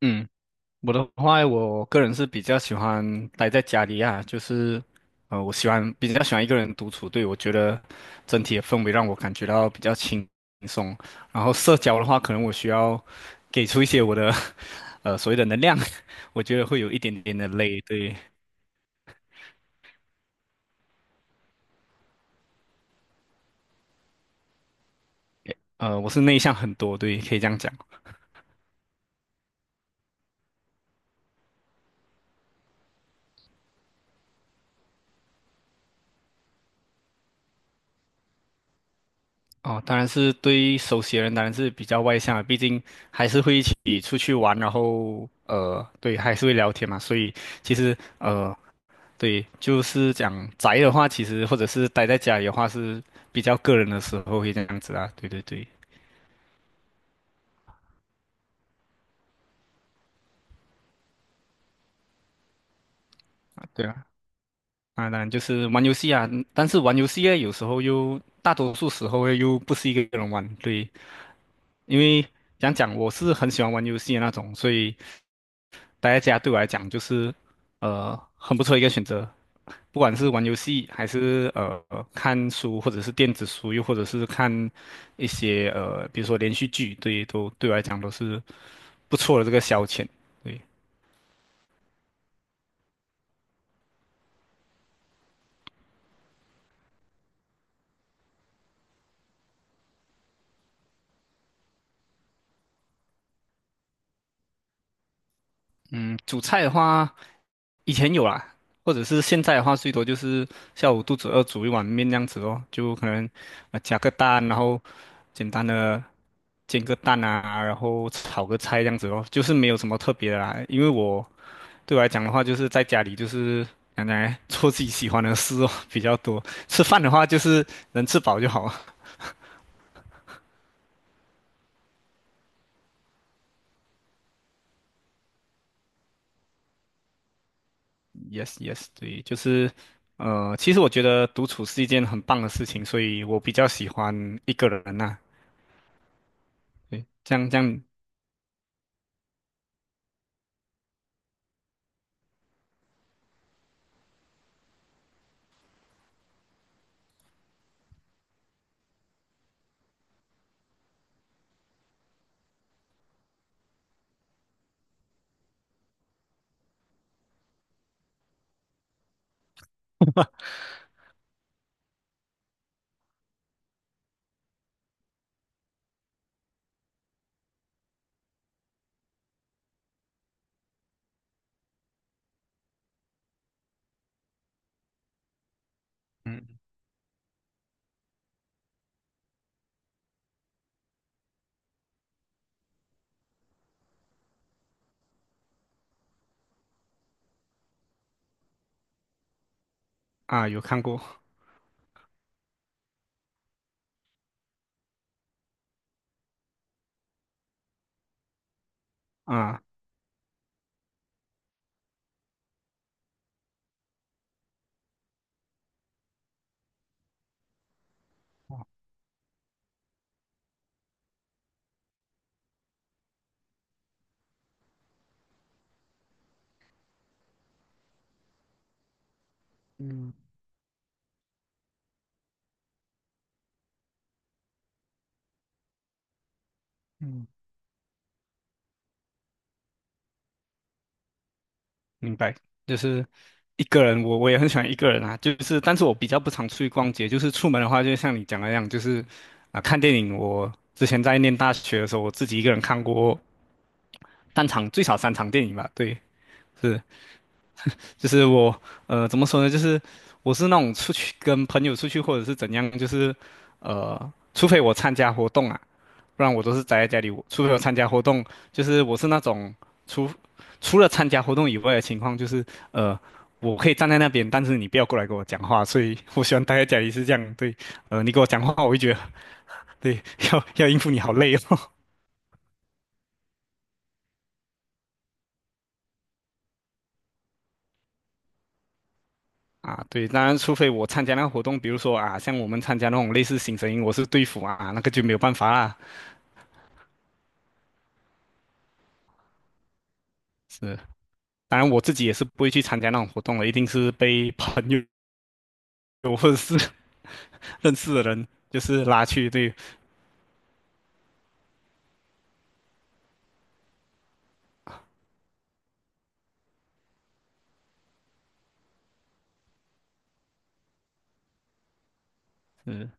嗯，我的话，我个人是比较喜欢待在家里啊，就是，我喜欢比较喜欢一个人独处，对，我觉得整体的氛围让我感觉到比较轻松。然后社交的话，可能我需要给出一些我的 所谓的能量，我觉得会有一点点的累，对，我是内向很多，对，可以这样讲。哦，当然是对熟悉的人，当然是比较外向的，毕竟还是会一起出去玩，然后对，还是会聊天嘛，所以其实对，就是讲宅的话，其实或者是待在家里的话，是比较个人的时候会这样子啊。对对对，对啊，啊，当然就是玩游戏啊，但是玩游戏呢，有时候又大多数时候又不是一个人玩，对，因为讲我是很喜欢玩游戏的那种，所以。待在家对我来讲就是很不错的一个选择。不管是玩游戏，还是看书，或者是电子书，又或者是看一些比如说连续剧，对，都对我来讲都是不错的这个消遣。对，嗯，煮菜的话，以前有啦，或者是现在的话，最多就是下午肚子饿煮一碗面这样子哦，就可能加个蛋，然后简单的煎个蛋啊，然后炒个菜这样子哦，就是没有什么特别的啦，因为我。对我来讲的话，就是在家里就是讲讲哎 做自己喜欢的事哦比较多。吃饭的话，就是能吃饱就好了。Yes, yes，对，就是其实我觉得独处是一件很棒的事情，所以我比较喜欢一个人呐、对，这样嗯有看过啊。嗯嗯。明白，就是一个人，我也很喜欢一个人啊，就是但是我比较不常出去逛街，就是出门的话，就像你讲的那样，就是啊、看电影，我之前在念大学的时候，我自己一个人看过单场最少3场电影吧，对，是，就是我怎么说呢，就是我是那种出去跟朋友出去或者是怎样，就是除非我参加活动啊。不然我都是宅在家里。我除了有参加活动，就是我是那种除除了参加活动以外的情况，就是呃，我可以站在那边，但是你不要过来跟我讲话，所以我喜欢待在家里是这样。对，你跟我讲话，我会觉得对，要应付你好累哦。啊，对，当然，除非我参加那个活动，比如说啊，像我们参加那种类似新生营，我是队服啊，那个就没有办法啦。是，当然我自己也是不会去参加那种活动的，一定是被朋友或者认识的人就是拉去，对，嗯。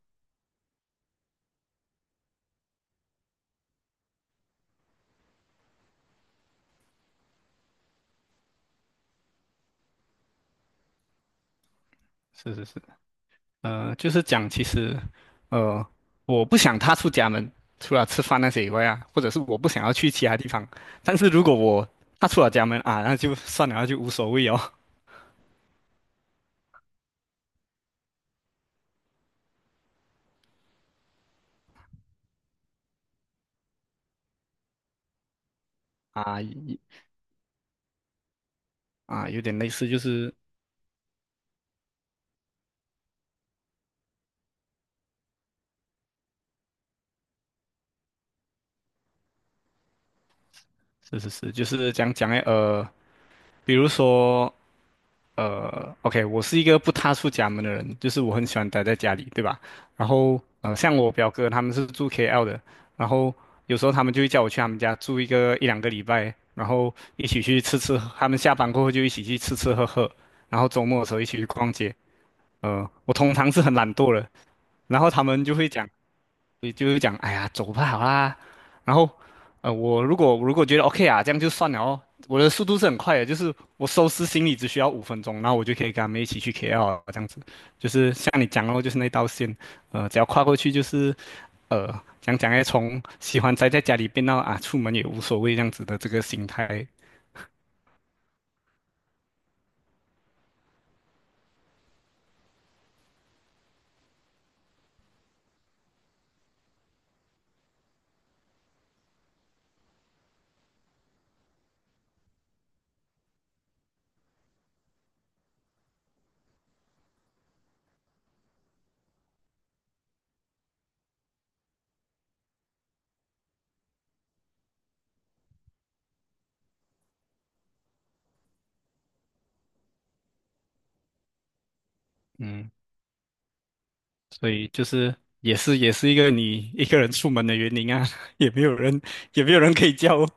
就是讲其实，呃，我不想踏出家门，除了吃饭那些以外啊，或者是我不想要去其他地方。但是如果我踏出了家门啊，那就算了，那就无所谓哦。啊一啊，有点类似，就是是是是，就是讲诶，比如说OK，我是一个不踏出家门的人，就是我很喜欢待在家里，对吧？然后，像我表哥他们是住 KL 的，然后有时候他们就会叫我去他们家住一两个礼拜，然后一起去吃吃，他们下班过后就一起去吃吃喝喝，然后周末的时候一起去逛街。我通常是很懒惰的，然后他们就会讲。所以就是讲，哎呀，走吧，好啦。然后，我如果觉得 OK 啊，这样就算了哦。我的速度是很快的，就是我收拾行李只需要5分钟，然后我就可以跟他们一起去 KL 了这样子。就是像你讲哦，就是那道线，只要跨过去就是，呃，讲讲哎，从喜欢宅在家里变到啊，出门也无所谓这样子的这个心态，嗯，所以就是也是一个你一个人出门的原因啊，也没有人也没有人可以叫哦。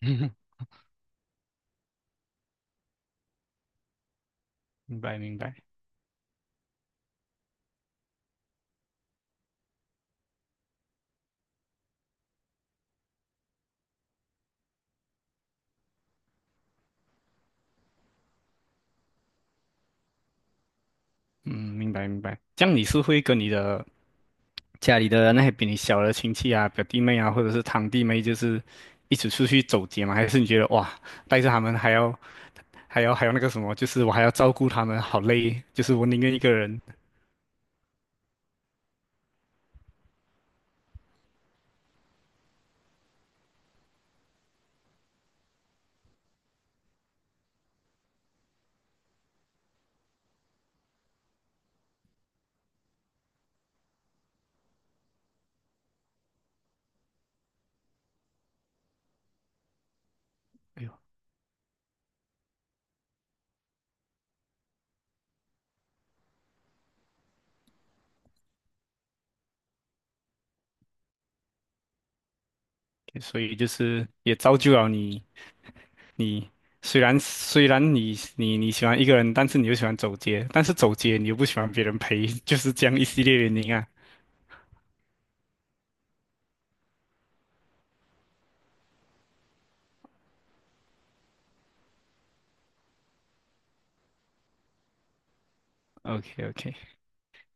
明白明白。嗯，明白明白。这样你是会跟你的家里的那些比你小的亲戚啊、表弟妹啊，或者是堂弟妹，就是一起出去走街吗？还是你觉得哇，带着他们还要那个什么，就是我还要照顾他们，好累，就是我宁愿一个人。哎呦，所以就是也造就了你，你虽然你喜欢一个人，但是你又喜欢走街，但是走街你又不喜欢别人陪，就是这样一系列原因啊。OK OK，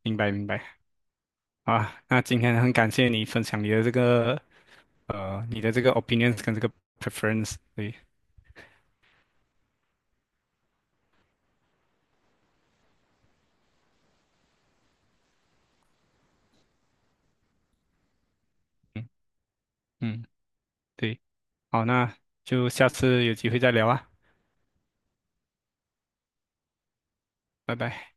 明白明白。啊，那今天很感谢你分享你的这个 opinions 跟这个 preference，对，嗯嗯，对，好，那就下次有机会再聊啊，拜拜。